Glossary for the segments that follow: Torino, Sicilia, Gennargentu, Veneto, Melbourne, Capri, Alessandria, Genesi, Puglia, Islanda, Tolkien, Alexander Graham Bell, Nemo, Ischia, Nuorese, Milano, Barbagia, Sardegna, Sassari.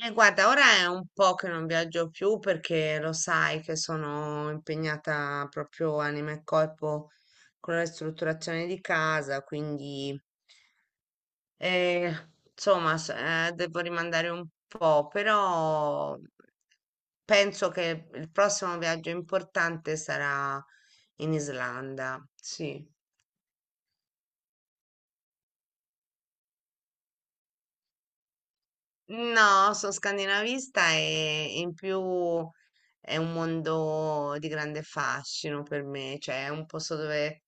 Guarda, ora è un po' che non viaggio più perché lo sai che sono impegnata proprio anima e corpo con la ristrutturazione di casa, quindi eh, insomma devo rimandare un po', però penso che il prossimo viaggio importante sarà in Islanda, sì. No, sono scandinavista e in più è un mondo di grande fascino per me, cioè è un posto dove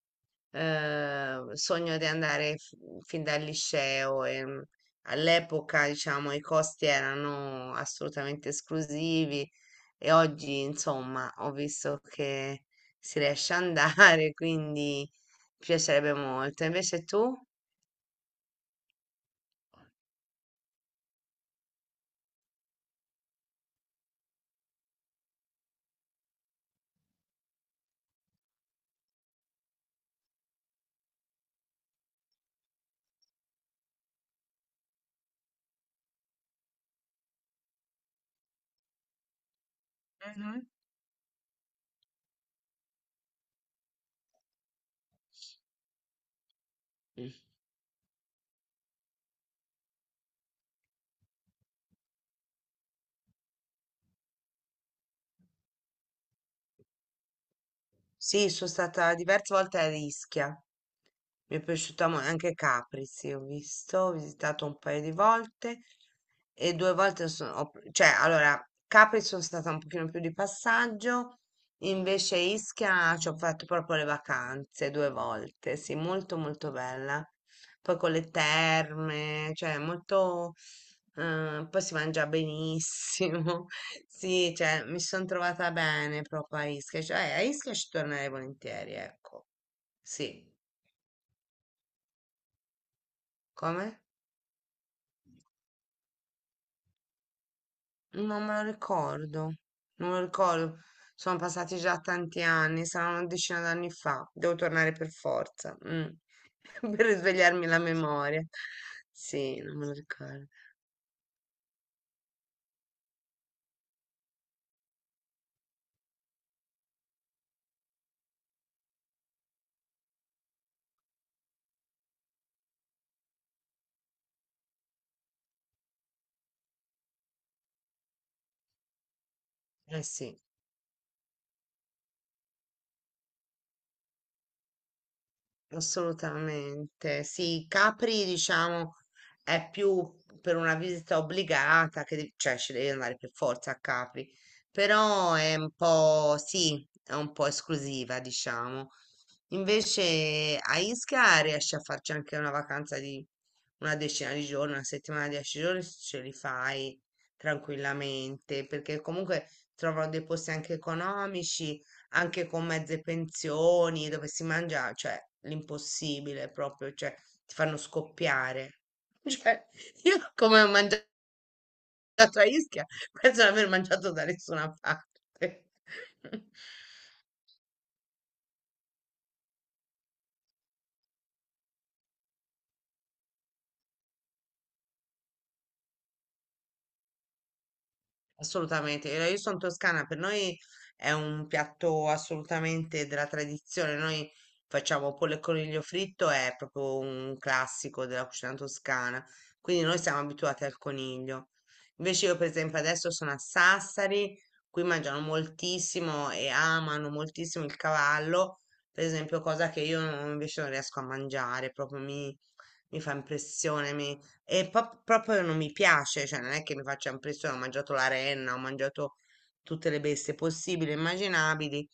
sogno di andare fin dal liceo e all'epoca, diciamo, i costi erano assolutamente esclusivi e oggi, insomma, ho visto che si riesce ad andare, quindi mi piacerebbe molto. Invece tu? Sì, sono stata diverse volte a Ischia. Mi è piaciuta anche Capri, sì, ho visto, ho visitato un paio di volte e due volte cioè, allora, Capri sono stata un pochino più di passaggio, invece Ischia ci ho fatto proprio le vacanze due volte, sì, molto molto bella, poi con le terme, cioè molto, poi si mangia benissimo. Sì, cioè mi sono trovata bene proprio a Ischia, cioè a Ischia ci tornerei volentieri, ecco. Sì, come? Non me lo ricordo, non me lo ricordo. Sono passati già tanti anni, saranno una decina d'anni fa. Devo tornare per forza, per risvegliarmi la memoria. Sì, non me lo ricordo. Eh sì. Assolutamente. Sì, Capri, diciamo, è più per una visita obbligata, che cioè ci devi andare per forza a Capri, però è un po', sì, è un po' esclusiva, diciamo. Invece a Ischia riesci a farci anche una vacanza di una decina di giorni, una settimana, 10 giorni, ce li fai tranquillamente, perché comunque trovano dei posti anche economici anche con mezze pensioni, dove si mangia, cioè l'impossibile proprio, cioè ti fanno scoppiare. Cioè, io come ho mangiato a Ischia, penso di aver mangiato da nessuna parte. Assolutamente, io sono toscana, per noi è un piatto assolutamente della tradizione, noi facciamo pollo e coniglio fritto, è proprio un classico della cucina toscana, quindi noi siamo abituati al coniglio. Invece io per esempio adesso sono a Sassari, qui mangiano moltissimo e amano moltissimo il cavallo, per esempio cosa che io invece non riesco a mangiare, proprio mi fa impressione, e proprio non mi piace, cioè non è che mi faccia impressione, ho mangiato la renna, ho mangiato tutte le bestie possibili e immaginabili,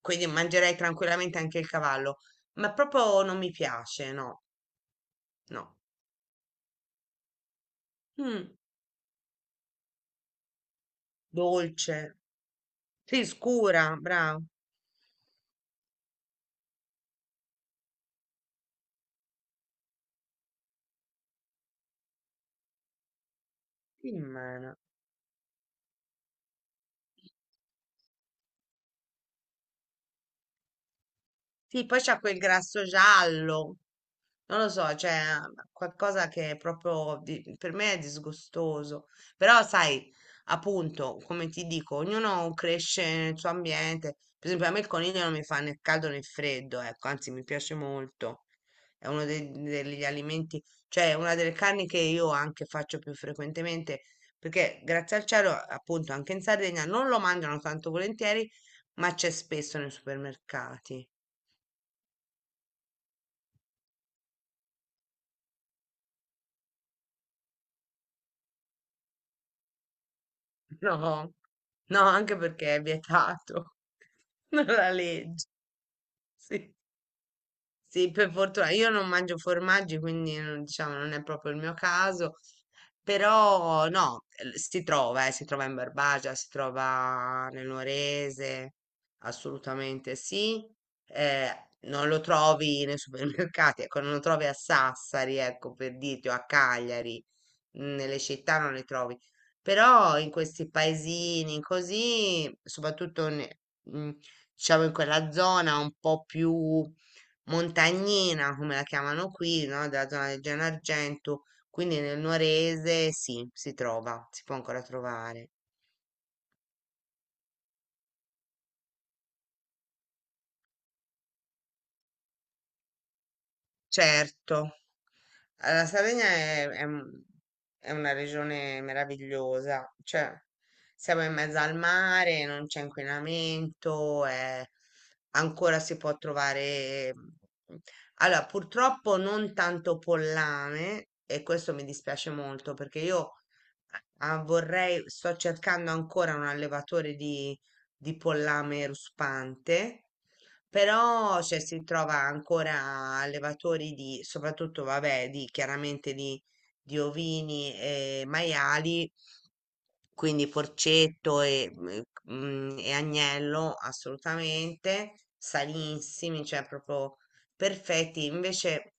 quindi mangerei tranquillamente anche il cavallo, ma proprio non mi piace, no, no. Mm, dolce, sì, scura, bravo. Sì, mana. Sì, poi c'ha quel grasso giallo. Non lo so, cioè qualcosa che è proprio per me è disgustoso, però sai, appunto, come ti dico, ognuno cresce nel suo ambiente. Per esempio, a me il coniglio non mi fa né caldo né freddo, ecco, anzi mi piace molto. È uno degli alimenti, cioè una delle carni che io anche faccio più frequentemente, perché grazie al cielo, appunto, anche in Sardegna non lo mangiano tanto volentieri, ma c'è spesso nei supermercati. No, no, anche perché è vietato dalla legge. Sì. Sì, per fortuna io non mangio formaggi, quindi non, diciamo non è proprio il mio caso, però no, si trova in Barbagia, si trova nel Nuorese, assolutamente sì. Eh, non lo trovi nei supermercati, ecco, non lo trovi a Sassari, ecco, per dirti, o a Cagliari, nelle città non le trovi, però in questi paesini così, soprattutto diciamo in quella zona un po' più montagnina, come la chiamano qui, no? Della zona del Gennargentu, quindi nel Nuorese sì, si trova, si può ancora trovare. Certo. La Sardegna è è una regione meravigliosa, cioè siamo in mezzo al mare, non c'è inquinamento, ancora si può trovare... allora, purtroppo non tanto pollame e questo mi dispiace molto perché io vorrei, sto cercando ancora un allevatore di pollame ruspante, però cioè, si trova ancora allevatori di, soprattutto vabbè, di, chiaramente di, ovini e maiali, quindi porcetto e, e agnello assolutamente sanissimi, cioè proprio perfetti. Invece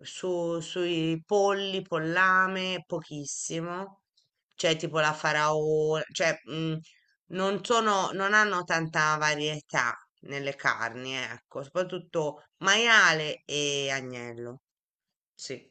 sui polli, pollame, pochissimo. Cioè tipo la faraola, cioè non sono, non hanno tanta varietà nelle carni, ecco, soprattutto maiale e agnello. Sì,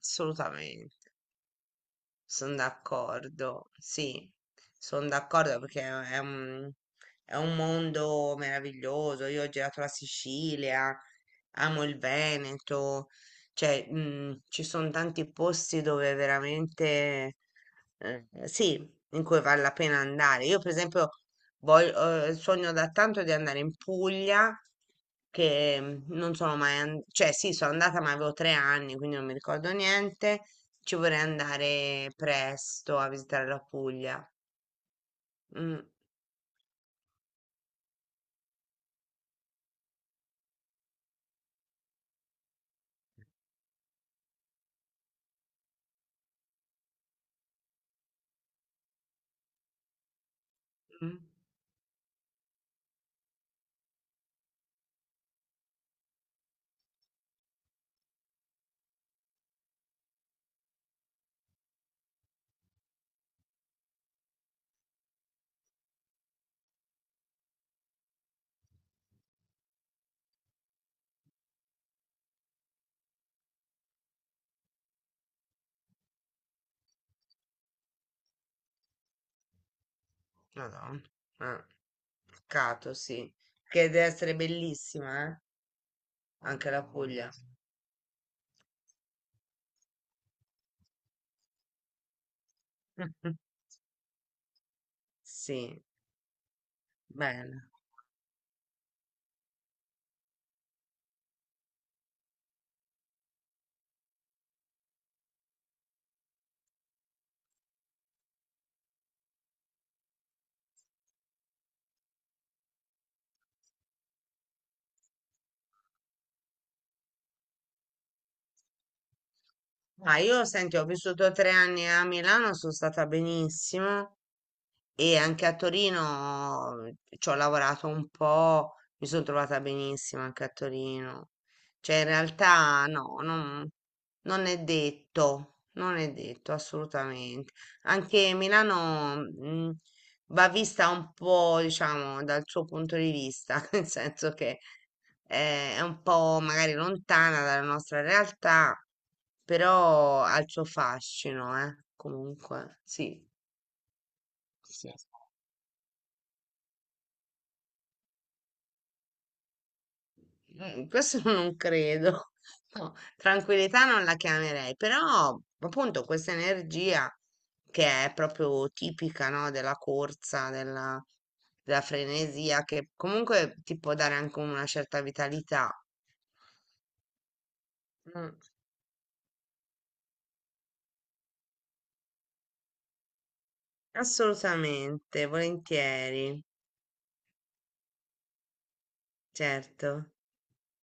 assolutamente. Sono d'accordo, sì, sono d'accordo perché è, è un, è un mondo meraviglioso. Io ho girato la Sicilia, amo il Veneto, cioè ci sono tanti posti dove veramente sì, in cui vale la pena andare. Io, per esempio, voglio, sogno da tanto di andare in Puglia, che non sono mai andata, cioè sì, sono andata ma avevo 3 anni, quindi non mi ricordo niente. Ci vorrei andare presto a visitare la Puglia. Mm, mm, Madonna. Eh, Peccato, sì. Che deve essere bellissima, eh? Anche la Puglia. Sì, bella. Ma io, senti, ho vissuto 3 anni a Milano, sono stata benissimo. E anche a Torino ci ho lavorato un po', mi sono trovata benissimo anche a Torino. Cioè, in realtà no, non è detto, non è detto assolutamente. Anche Milano, va vista un po', diciamo, dal suo punto di vista, nel senso che è un po' magari lontana dalla nostra realtà, però ha il suo fascino, comunque, sì. Sì. Mm, questo non credo. No, tranquillità non la chiamerei, però appunto questa energia che è proprio tipica, no, della corsa, della frenesia, che comunque ti può dare anche una certa vitalità. Mm, assolutamente, volentieri, certo.